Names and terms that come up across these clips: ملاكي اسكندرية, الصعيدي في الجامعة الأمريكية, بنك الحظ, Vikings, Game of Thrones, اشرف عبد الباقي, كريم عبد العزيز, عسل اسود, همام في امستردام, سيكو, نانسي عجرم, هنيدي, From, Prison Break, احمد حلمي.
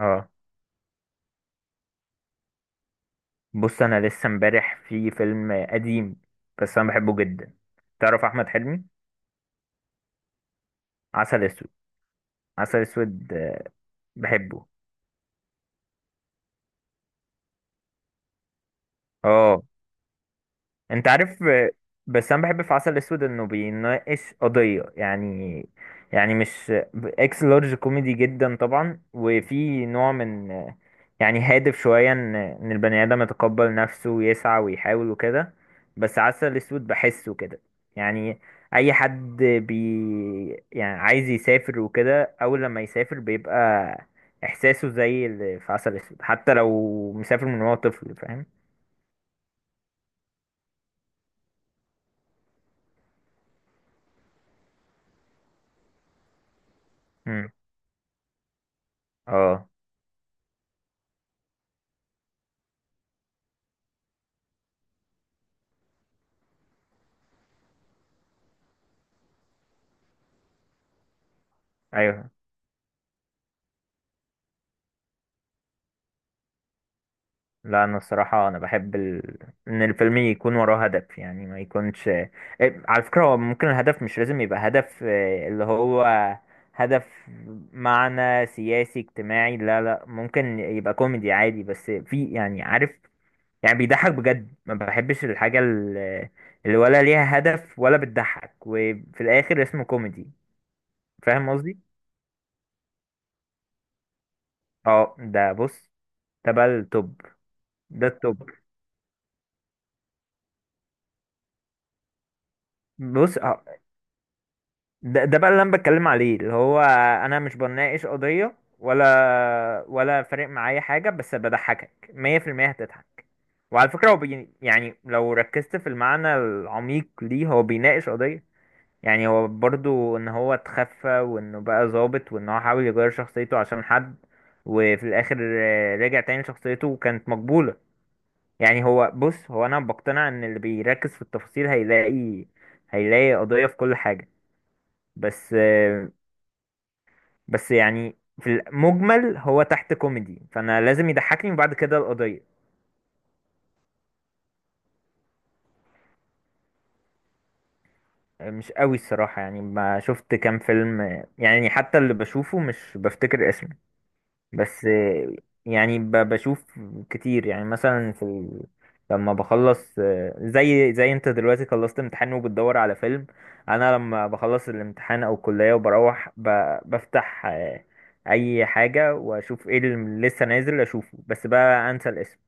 اه، بص انا لسه امبارح في فيلم قديم، بس انا بحبه جدا. تعرف احمد حلمي؟ عسل اسود. عسل اسود، بحبه. اه انت عارف؟ بس انا بحب في عسل اسود انه بيناقش قضية، يعني مش اكس لارج كوميدي جدا طبعا، وفي نوع من يعني هادف شوية، ان البني ادم يتقبل نفسه ويسعى ويحاول وكده. بس عسل اسود بحسه كده، يعني اي حد يعني عايز يسافر وكده، اول لما يسافر بيبقى احساسه زي اللي في عسل اسود، حتى لو مسافر من وهو طفل. فاهم؟ مم. اه ايوه. لا انا الصراحه انا بحب ان الفيلم يكون وراه هدف، يعني ما يكونش على فكره هو ممكن الهدف مش لازم يبقى هدف اللي هو هدف معنى سياسي اجتماعي. لا لا، ممكن يبقى كوميدي عادي، بس في، يعني عارف، يعني بيضحك بجد. ما بحبش الحاجه اللي ولا ليها هدف ولا بتضحك وفي الاخر اسمه كوميدي. فاهم قصدي؟ اه ده، بص ده بقى التوب. ده التوب. بص ده بقى اللي انا بتكلم عليه، اللي هو انا مش بناقش قضية ولا فارق معايا حاجة، بس بضحكك 100% هتضحك. وعلى فكرة هو يعني لو ركزت في المعنى العميق ليه، هو بيناقش قضية، يعني هو برضو ان هو اتخفى، وانه بقى ظابط، وان هو حاول يغير شخصيته عشان حد، وفي الاخر رجع تاني لشخصيته وكانت مقبولة. يعني هو، بص هو، انا بقتنع ان اللي بيركز في التفاصيل هيلاقي، قضية في كل حاجة. بس بس يعني في المجمل هو تحت كوميدي، فانا لازم يضحكني وبعد كده القضية. مش قوي الصراحة، يعني ما شفت كام فيلم. يعني حتى اللي بشوفه مش بفتكر اسمه. بس يعني بشوف كتير، يعني مثلا في لما بخلص، زي انت دلوقتي خلصت امتحان وبتدور على فيلم. انا لما بخلص الامتحان او الكلية وبروح بفتح اي حاجة واشوف ايه اللي لسه نازل اشوفه. بس بقى انسى الاسم.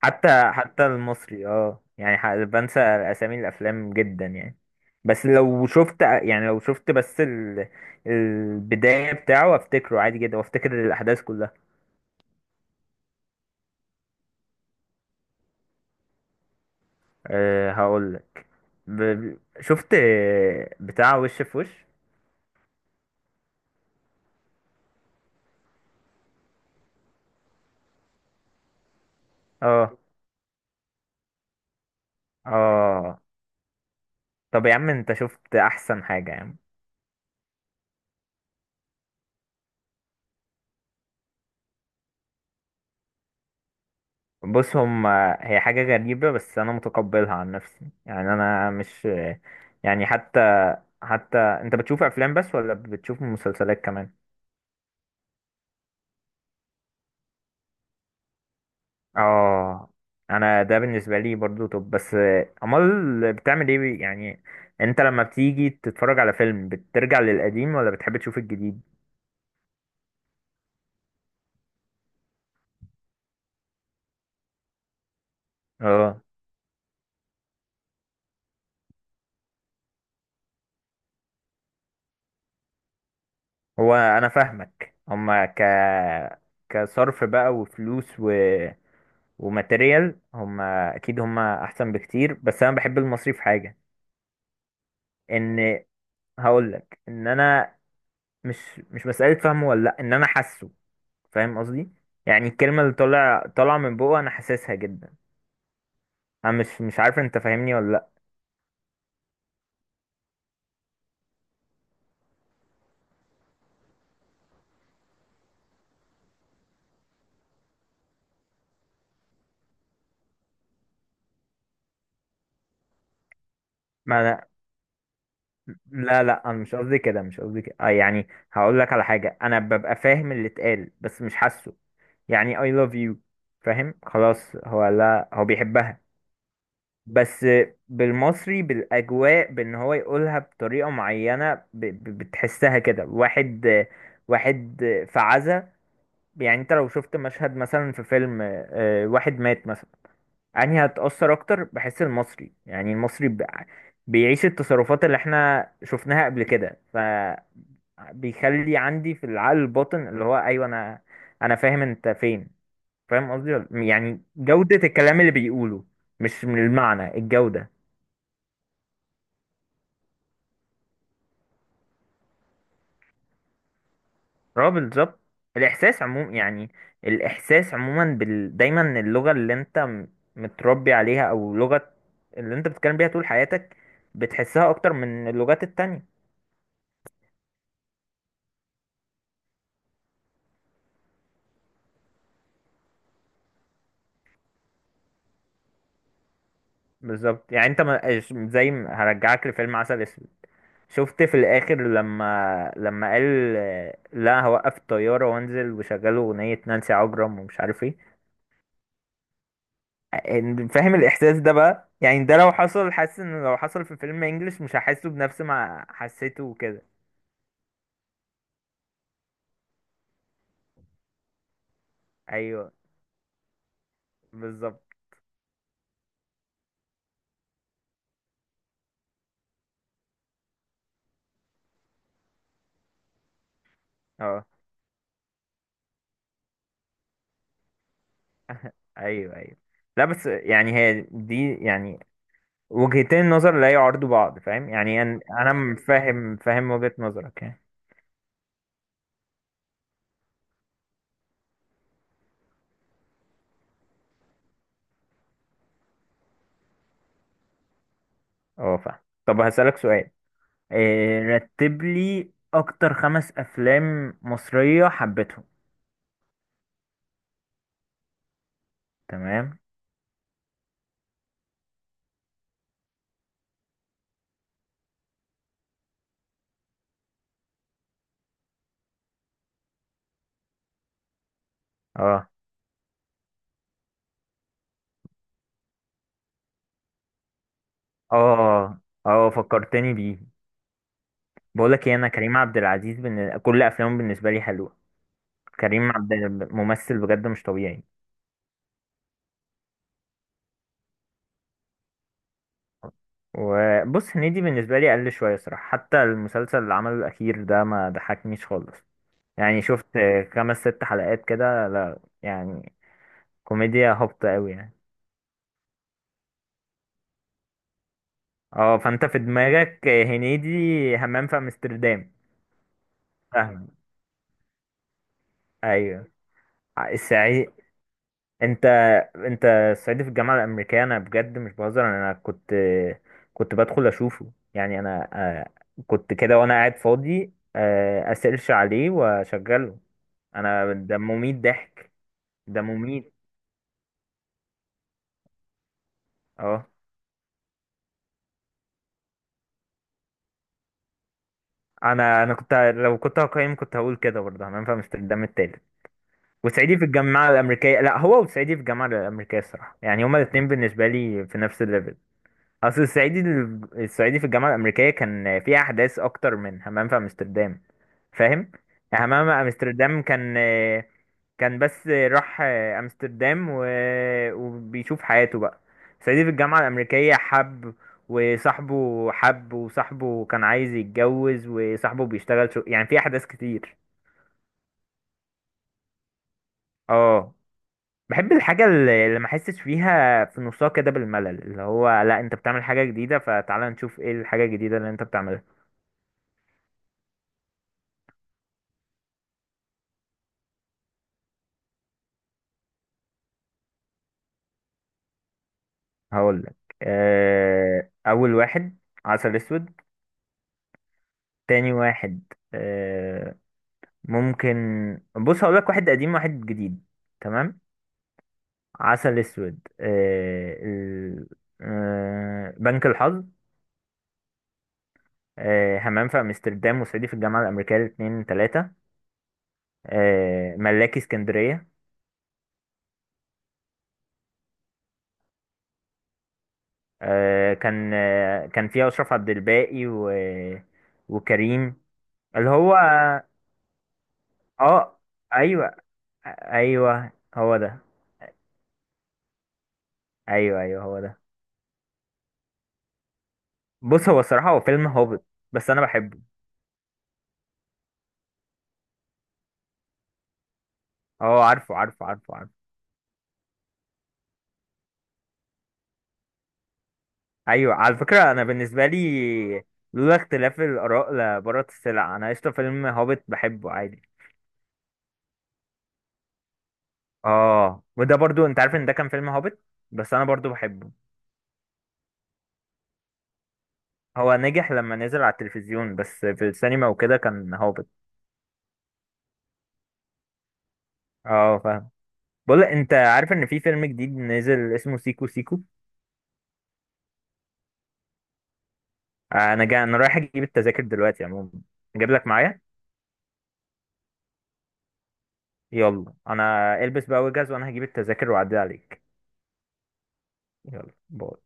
حتى المصري، اه يعني بنسى اسامي الافلام جدا يعني. بس لو شفت، يعني لو شفت بس البداية بتاعه افتكره عادي جدا وافتكر الاحداث كلها. أه هقول لك، ب... شفت بتاع وش في وش. اه اه. طب يا عم انت شفت احسن حاجة يا عم. بص هم، هي حاجة غريبة بس أنا متقبلها عن نفسي. يعني أنا مش، يعني حتى، أنت بتشوف أفلام بس ولا بتشوف مسلسلات كمان؟ آه أنا ده بالنسبة لي برضو. طب بس أمال بتعمل إيه يعني أنت لما بتيجي تتفرج على فيلم بترجع للقديم ولا بتحب تشوف الجديد؟ آه هو أنا فاهمك. هما كصرف بقى وفلوس وماتيريال، هم اكيد هم احسن بكتير، بس انا بحب المصري في حاجه. ان هقول لك ان انا، مش مش مساله فهمه ولا لا، ان انا حاسه. فاهم قصدي؟ يعني الكلمه اللي طالعه من بقه انا حاسسها جدا. انا مش عارف انت فاهمني ولا لا. ما أنا، لا لا، انا مش قصدي كده، مش قصدي كده، آه يعني هقول لك على حاجه، انا ببقى فاهم اللي اتقال بس مش حاسه. يعني I love you، فاهم؟ خلاص هو، لا هو بيحبها، بس بالمصري بالاجواء، بان هو يقولها بطريقه معينه، بتحسها كده. واحد، واحد في عزا، يعني انت لو شفت مشهد مثلا في فيلم واحد مات مثلا. انهي هتأثر اكتر بحس المصري. يعني المصري بيعيش التصرفات اللي احنا شفناها قبل كده، ف بيخلي عندي في العقل الباطن اللي هو ايوه انا، فاهم انت فين. فاهم قصدي يعني جودة الكلام اللي بيقوله، مش من المعنى الجودة. اه بالظبط. الاحساس عموما يعني، الاحساس عموما دايما اللغه اللي انت متربي عليها، او لغه اللي انت بتتكلم بيها طول حياتك، بتحسها اكتر من اللغات التانية. بالظبط. يعني انت ما... ش- زي ما هرجعك لفيلم عسل اسود. شفت في الاخر لما قال لا هوقف الطياره وانزل، وشغلوا اغنيه نانسي عجرم ومش عارف ايه. فاهم الاحساس ده بقى، يعني ده لو حصل، حاسس ان لو حصل في فيلم انجلش مش هحسه بنفس ما حسيته وكده. ايوه بالظبط. اه ايوه ايوه. لا بس يعني هي دي، يعني وجهتين النظر لا يعارضوا بعض، فاهم يعني؟ انا، فاهم وجهة نظرك يعني. اه فاهم. طب هسألك سؤال. إيه، رتب لي اكتر 5 افلام مصرية حبيتهم. تمام. اه اه اه، فكرتني بيه. بقولك ايه، انا كريم عبد العزيز كل افلامه بالنسبة لي حلوة. كريم عبد، ممثل بجد مش طبيعي. وبص هنيدي بالنسبة لي قل شوية صراحة، حتى المسلسل اللي عمله الأخير ده ما ضحكنيش خالص. يعني شفت 5 6 حلقات كده، لا يعني كوميديا هابطة أوي يعني. اه فانت في دماغك هنيدي همام في أمستردام. فاهم. أيوه. السعيد، انت، الصعيدي في الجامعة الأمريكية. أنا بجد مش بهزر، أنا كنت، بدخل أشوفه يعني، أنا كنت كده وأنا قاعد فاضي، أسيرش عليه وأشغله. انا ده مميت ضحك، ده مميت. اه انا، كنت لو كنت هقيم كنت هقول كده برضه، هننفع امستردام التالت، وصعيدي في الجامعه الامريكيه. لا هو، وصعيدي في الجامعه الامريكيه الصراحه، يعني هما الاثنين بالنسبه لي في نفس الليفل. اصل الصعيدي، الصعيدي في الجامعه الامريكيه كان فيه احداث اكتر من همام في امستردام، فاهم؟ همام في امستردام كان، كان بس راح امستردام وبيشوف حياته بقى. صعيدي في الجامعة الأمريكية حب، وصاحبه حب، وصاحبه كان عايز يتجوز، وصاحبه بيشتغل يعني في أحداث كتير. اه بحب الحاجة اللي ما احسش فيها في نصها كده بالملل، اللي هو لا انت بتعمل حاجة جديدة فتعالى نشوف ايه الحاجة الجديدة اللي انت بتعملها. هقولك، أول واحد عسل أسود. تاني واحد، آه، ممكن، بص هقول لك واحد قديم واحد جديد. تمام. عسل اسود، بنك الحظ، همام في امستردام وصعيدي في الجامعه الامريكيه الاثنين ثلاثه، ملاكي اسكندريه. كان، كان فيها اشرف عبد الباقي وكريم. اللي هو، اه ايوه ايوه هو ده. ايوه ايوه هو ده. بص هو الصراحه هو فيلم هابط، بس انا بحبه. اه، عارفه عارفه عارفه عارفه. ايوه على فكره انا بالنسبه لي، لولا اختلاف الاراء لبارت السلع. انا قشطه، فيلم هوبت بحبه عادي. اه، وده برضو انت عارف ان ده كان فيلم هوبت، بس انا برضو بحبه. هو نجح لما نزل على التلفزيون، بس في السينما وكده كان هوبت. اه فاهم. بقول، انت عارف ان في فيلم جديد نزل اسمه سيكو سيكو؟ انا انا رايح اجيب التذاكر دلوقتي عموما، اجيب لك معايا. يلا انا البس بقى واجهز، وانا هجيب التذاكر واعدي عليك. يلا باي.